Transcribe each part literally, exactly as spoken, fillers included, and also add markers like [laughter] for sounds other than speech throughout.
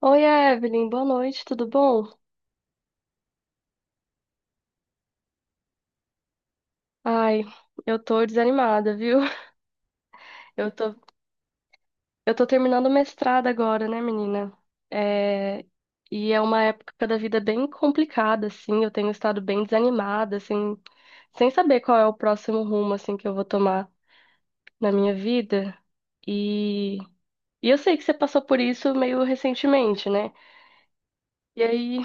Oi, Evelyn, boa noite, tudo bom? Ai, eu tô desanimada, viu? [laughs] Eu tô, eu tô terminando o mestrado agora, né, menina? É, e é uma época da vida bem complicada, assim, eu tenho estado bem desanimada, assim, sem saber qual é o próximo rumo, assim, que eu vou tomar na minha vida. E, e eu sei que você passou por isso meio recentemente, né? E aí,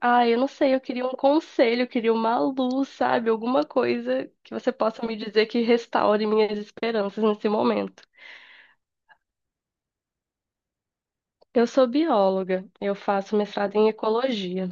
Ah, eu não sei, eu queria um conselho, eu queria uma luz, sabe? Alguma coisa que você possa me dizer que restaure minhas esperanças nesse momento. Eu sou bióloga, eu faço mestrado em ecologia.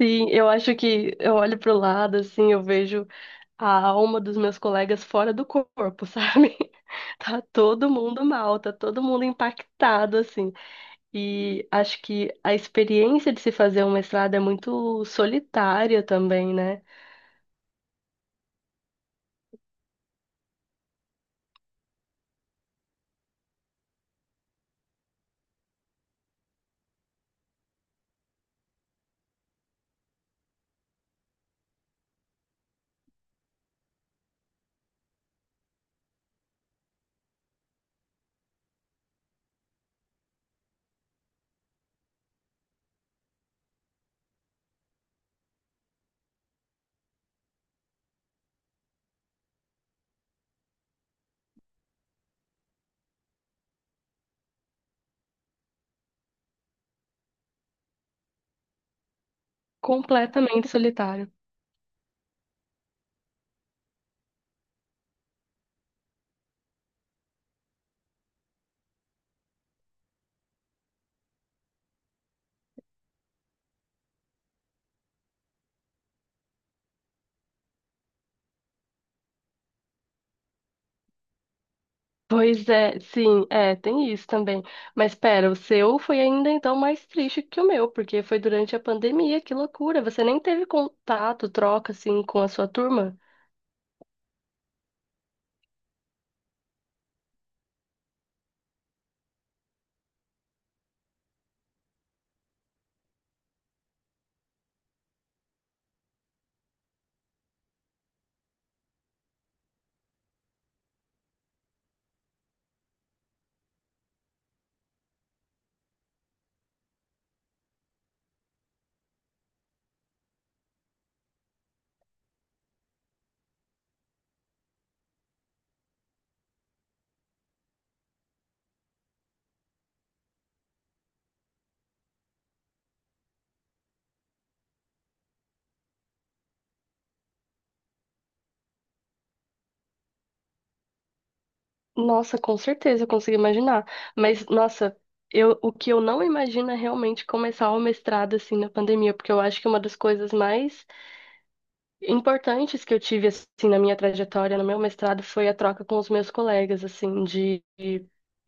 Sim, eu acho que eu olho pro lado, assim, eu vejo a alma dos meus colegas fora do corpo, sabe? [laughs] Tá todo mundo mal, tá todo mundo impactado, assim. E acho que a experiência de se fazer um mestrado é muito solitária também, né? Completamente solitário. Pois é, sim, é, tem isso também. Mas pera, o seu foi ainda então mais triste que o meu, porque foi durante a pandemia, que loucura. Você nem teve contato, troca assim com a sua turma? Nossa, com certeza, eu consigo imaginar. Mas nossa, eu, o que eu não imagino é realmente começar o mestrado assim na pandemia, porque eu acho que é uma das coisas mais importantes que eu tive assim na minha trajetória, no meu mestrado, foi a troca com os meus colegas, assim, de,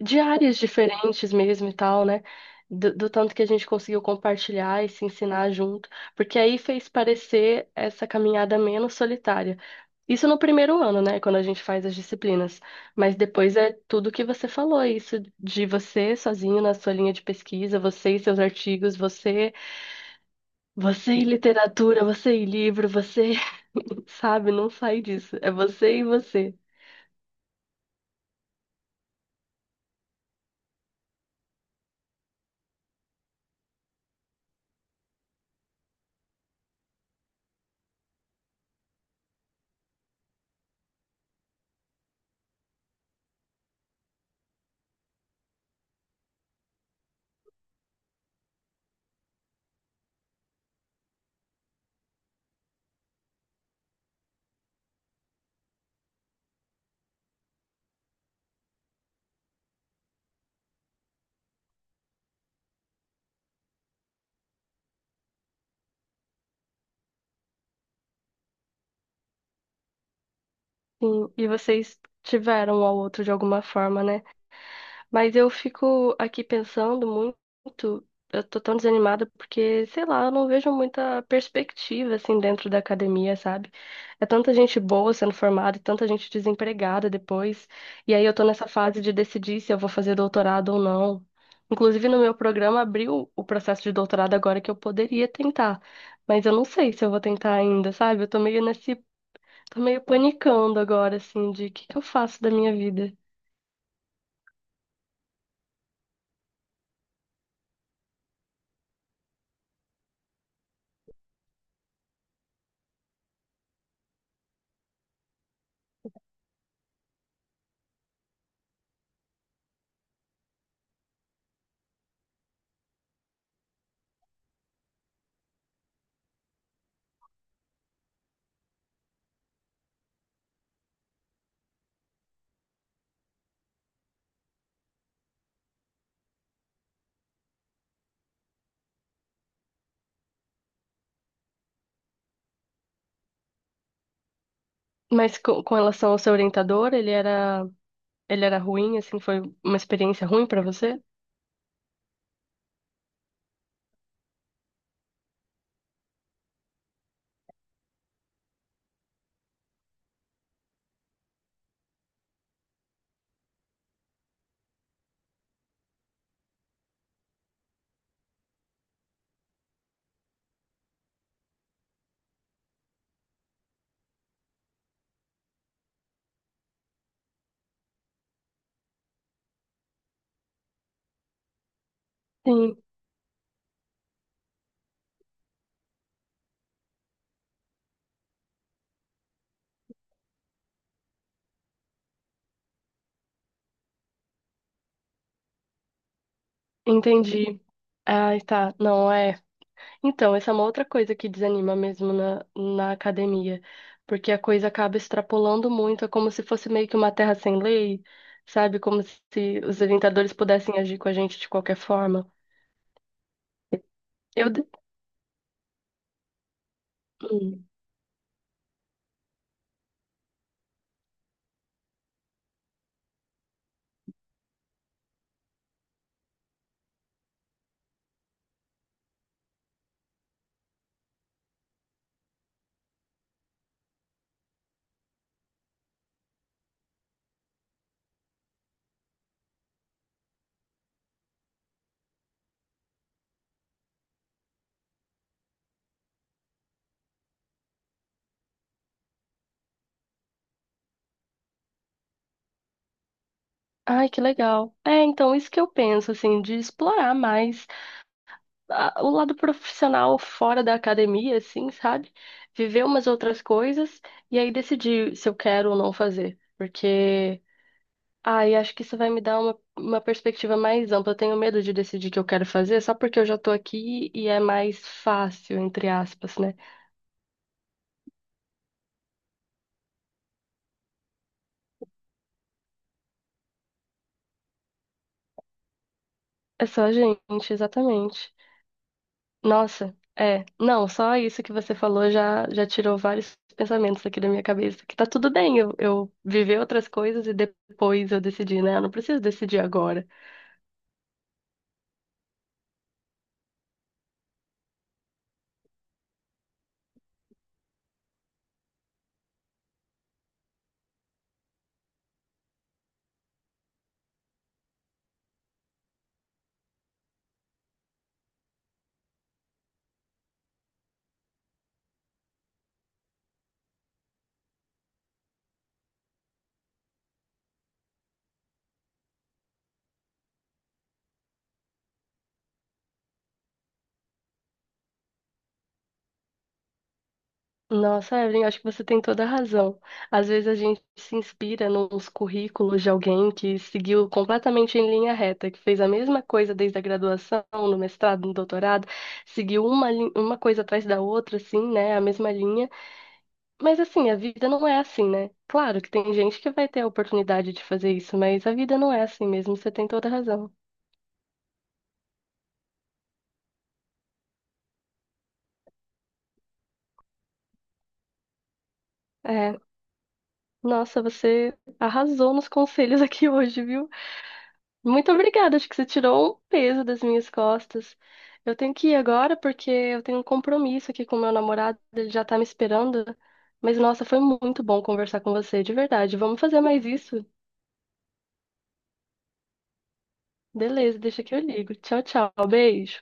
de áreas diferentes mesmo e tal, né? Do, do tanto que a gente conseguiu compartilhar e se ensinar junto, porque aí fez parecer essa caminhada menos solitária. Isso no primeiro ano, né? Quando a gente faz as disciplinas. Mas depois é tudo que você falou, isso de você sozinho na sua linha de pesquisa, você e seus artigos, você, você e literatura, você e livro, você. Sabe, não sai disso. É você e você. Sim, e vocês tiveram um ao outro de alguma forma, né? Mas eu fico aqui pensando muito, eu tô tão desanimada porque, sei lá, eu não vejo muita perspectiva assim dentro da academia, sabe? É tanta gente boa sendo formada e tanta gente desempregada depois. E aí eu tô nessa fase de decidir se eu vou fazer doutorado ou não. Inclusive no meu programa abriu o processo de doutorado agora que eu poderia tentar, mas eu não sei se eu vou tentar ainda, sabe? Eu tô meio nesse, tô meio panicando agora assim de o que que eu faço da minha vida. Mas co- com, relação ao seu orientador, ele era, ele era ruim, assim, foi uma experiência ruim pra você? Sim, entendi. Ah, tá. Não, é. Então, essa é uma outra coisa que desanima mesmo na, na academia, porque a coisa acaba extrapolando muito, é como se fosse meio que uma terra sem lei, sabe? Como se os orientadores pudessem agir com a gente de qualquer forma. Eu. de- Hum. Ai, que legal. É, então, isso que eu penso, assim, de explorar mais. A- o lado profissional fora da academia, assim, sabe? Viver umas outras coisas e aí decidir se eu quero ou não fazer. Porque, ai, acho que isso vai me dar uma, uma perspectiva mais ampla. Eu tenho medo de decidir o que eu quero fazer só porque eu já tô aqui e é mais fácil, entre aspas, né? É só a gente, exatamente. Nossa, é. Não, só isso que você falou já, já tirou vários pensamentos aqui da minha cabeça. Que tá tudo bem eu, eu viver outras coisas e depois eu decidir, né? Eu não preciso decidir agora. Nossa, Evelyn, acho que você tem toda a razão. Às vezes a gente se inspira nos currículos de alguém que seguiu completamente em linha reta, que fez a mesma coisa desde a graduação, no mestrado, no doutorado, seguiu uma, lin- uma coisa atrás da outra, assim, né? A mesma linha. Mas assim, a vida não é assim, né? Claro que tem gente que vai ter a oportunidade de fazer isso, mas a vida não é assim mesmo, você tem toda a razão. É, nossa, você arrasou nos conselhos aqui [laughs] hoje, viu? Muito obrigada, acho que você tirou um peso das minhas costas. Eu tenho que ir agora porque eu tenho um compromisso aqui com meu namorado, ele já tá me esperando. Mas nossa, foi muito bom conversar com você, de verdade. Vamos fazer mais isso? Beleza, deixa que eu ligo. Tchau, tchau, beijo.